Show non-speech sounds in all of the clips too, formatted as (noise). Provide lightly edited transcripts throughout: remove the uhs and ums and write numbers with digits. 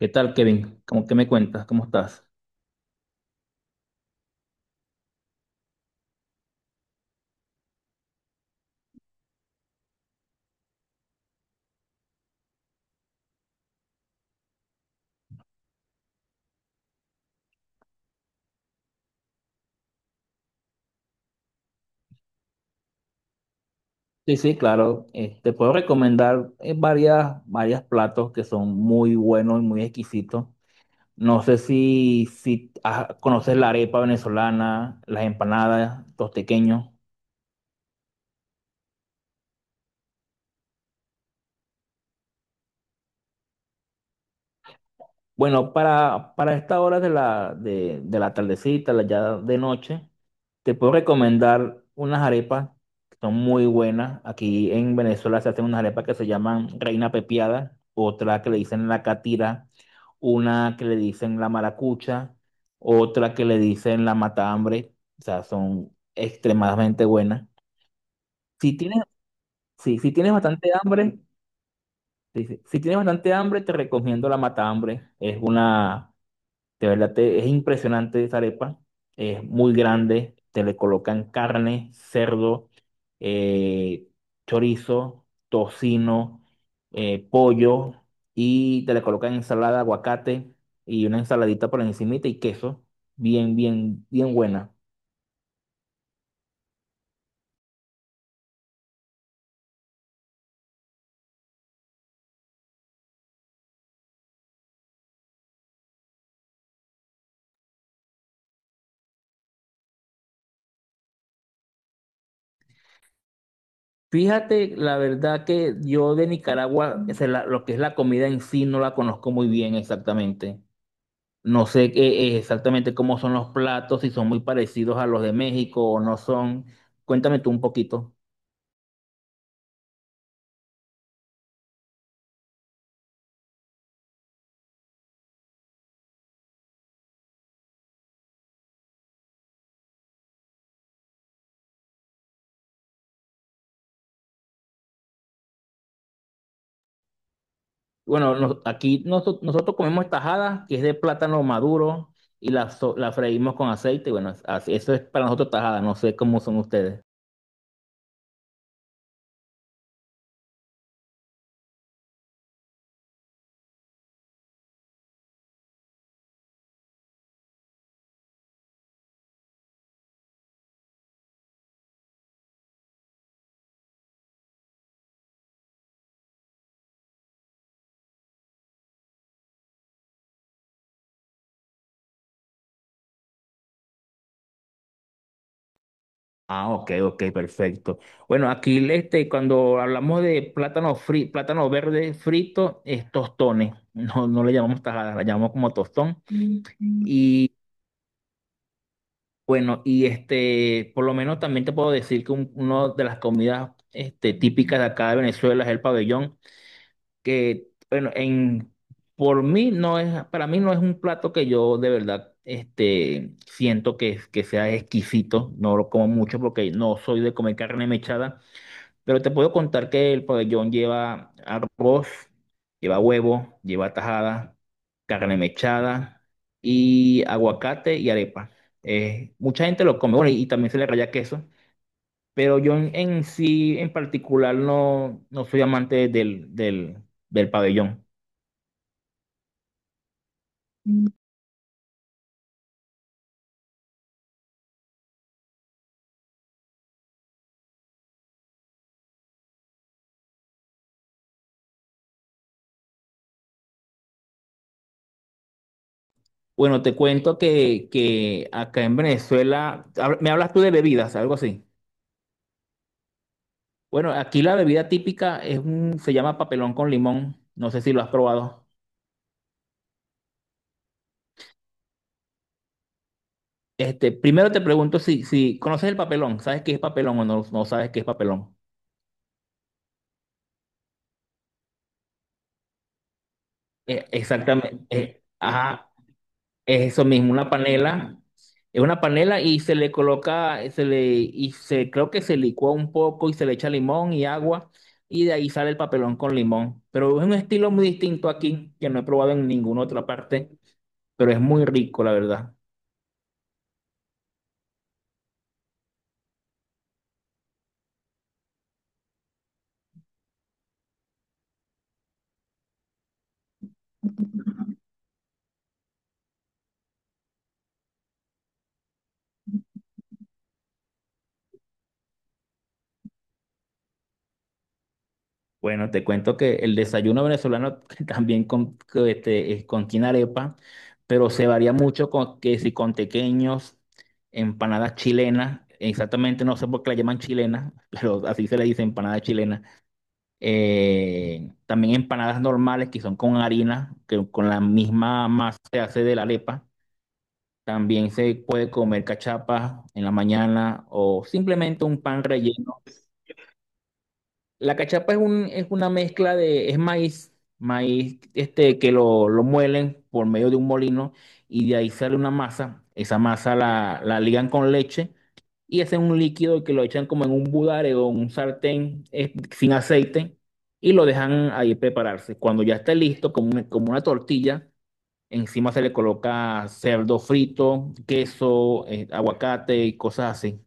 ¿Qué tal, Kevin? ¿Cómo que me cuentas? ¿Cómo estás? Sí, sí, claro. Te puedo recomendar varias platos que son muy buenos y muy exquisitos. No sé si conoces la arepa venezolana, las empanadas, los tequeños. Bueno, para esta hora de la tardecita, la ya de noche, te puedo recomendar unas arepas que son muy buenas. Aquí en Venezuela se hacen unas arepas que se llaman Reina Pepiada, otra que le dicen la catira, una que le dicen la maracucha, otra que le dicen la matahambre. O sea, son extremadamente buenas. Si tienes, si tienes bastante hambre, si tienes bastante hambre, te recomiendo la matahambre. Es una de verdad, es impresionante esa arepa. Es muy grande. Te le colocan carne, cerdo, eh, chorizo, tocino, pollo y te le colocan ensalada, aguacate y una ensaladita por encimita y queso. Bien, bien, bien buena. Fíjate, la verdad que yo de Nicaragua, o sea, lo que es la comida en sí, no la conozco muy bien exactamente. No sé exactamente cómo son los platos, si son muy parecidos a los de México o no son. Cuéntame tú un poquito. Bueno, aquí nosotros comemos tajada que es de plátano maduro, y la freímos con aceite. Bueno, eso es para nosotros tajada, no sé cómo son ustedes. Ah, ok, ok, perfecto. Bueno, aquí este, cuando hablamos de plátano verde frito, es tostones. No, no le llamamos tajada, la llamamos como tostón. Bueno, y este, por lo menos también te puedo decir que una de las comidas este, típicas de acá de Venezuela es el pabellón, que, bueno, por mí no es, para mí no es un plato que yo de verdad este, siento que sea exquisito, no lo como mucho porque no soy de comer carne mechada, pero te puedo contar que el pabellón lleva arroz, lleva huevo, lleva tajada, carne mechada y aguacate y arepa. Mucha gente lo come, bueno, y también se le raya queso, pero yo en sí, en particular, no, no soy amante del pabellón. Mm. Bueno, te cuento que acá en Venezuela, me hablas tú de bebidas, algo así. Bueno, aquí la bebida típica es un, se llama papelón con limón, no sé si lo has probado. Este, primero te pregunto si conoces el papelón, ¿sabes qué es papelón o no, no sabes qué es papelón? Exactamente. Ajá, es eso mismo, una panela. Es una panela y se le coloca, se le, y se, creo que se licúa un poco y se le echa limón y agua y de ahí sale el papelón con limón. Pero es un estilo muy distinto aquí que no he probado en ninguna otra parte, pero es muy rico, la verdad. Bueno, te cuento que el desayuno venezolano (laughs) también contiene arepa, pero se varía mucho con que si con tequeños, empanadas chilenas, exactamente no sé por qué la llaman chilenas, (laughs) pero así se le dice empanada chilena. También empanadas normales que son con harina, que con la misma masa se hace de la arepa. También se puede comer cachapas en la mañana o simplemente un pan relleno. La cachapa es un, es una mezcla de, es maíz, maíz este, que lo muelen por medio de un molino y de ahí sale una masa. Esa masa la ligan con leche y hacen un líquido que lo echan como en un budare o en un sartén sin aceite y lo dejan ahí prepararse. Cuando ya esté listo, como una tortilla, encima se le coloca cerdo frito, queso, aguacate y cosas así.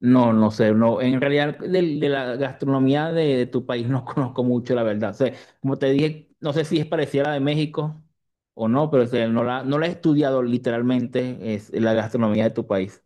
No, no sé, no, en realidad de la gastronomía de tu país no (laughs) conozco mucho, la verdad. O sea, como te dije, no sé si es parecida a la de México o no, pero o sea, no la he estudiado literalmente, es la gastronomía de tu país.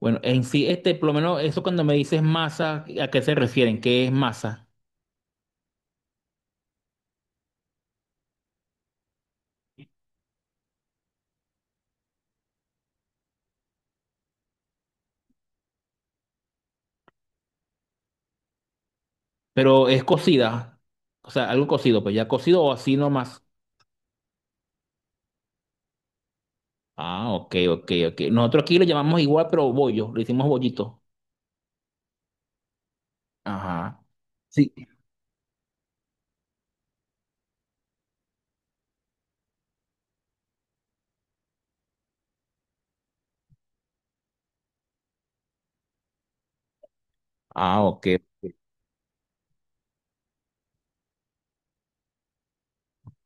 Bueno, en sí, este, por lo menos eso cuando me dices masa, ¿a qué se refieren? ¿Qué es masa? Pero es cocida, o sea, algo cocido, pues ya cocido o así nomás. Ah, ok, ok, ok. Nosotros aquí le llamamos igual, pero bollo, le hicimos bollito. Ajá. Sí. Ah, ok. Ok.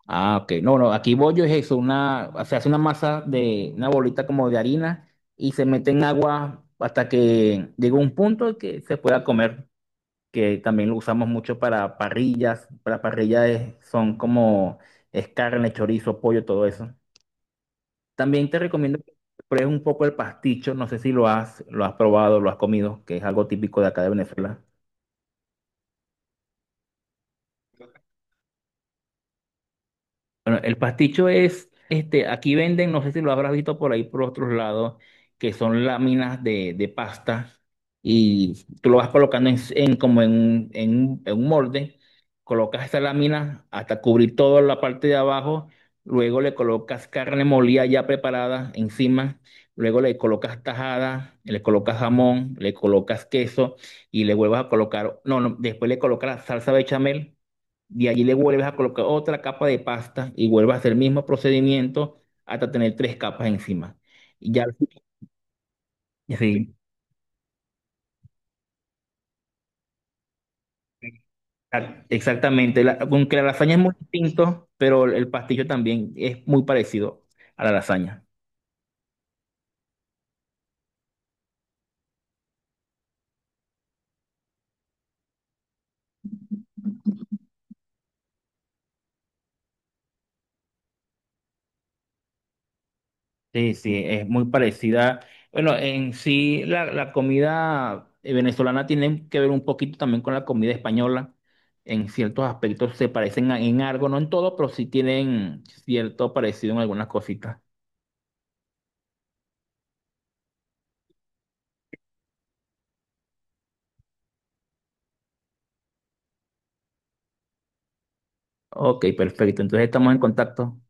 Ah, ok. No, no, aquí bollo es eso, una, se hace una masa de una bolita como de harina y se mete en agua hasta que llega un punto que se pueda comer, que también lo usamos mucho para parrillas. Para parrillas son como es carne, chorizo, pollo, todo eso. También te recomiendo que pruebes un poco el pasticho, no sé si lo has probado, lo has comido, que es algo típico de acá de Venezuela. Bueno, el pasticho es, este, aquí venden, no sé si lo habrás visto por ahí por otros lados, que son láminas de pasta y tú lo vas colocando en como en, un- en, un en un molde, colocas esa lámina hasta cubrir toda la parte de abajo, luego le colocas carne molida ya preparada encima, luego le colocas tajada, le colocas jamón, le colocas queso y le vuelvas a colocar, no, no, después le colocas salsa bechamel y allí le vuelves a colocar otra capa de pasta y vuelves a hacer el mismo procedimiento hasta tener tres capas encima. Y ya, sí, exactamente. Aunque la lasaña es muy distinto, pero el pastillo también es muy parecido a la lasaña. Sí, sí, es muy parecida. Bueno, en sí la comida venezolana tiene que ver un poquito también con la comida española. En ciertos aspectos se parecen en algo, no en todo, pero sí tienen cierto parecido en algunas cositas. Ok, perfecto. Entonces estamos en contacto.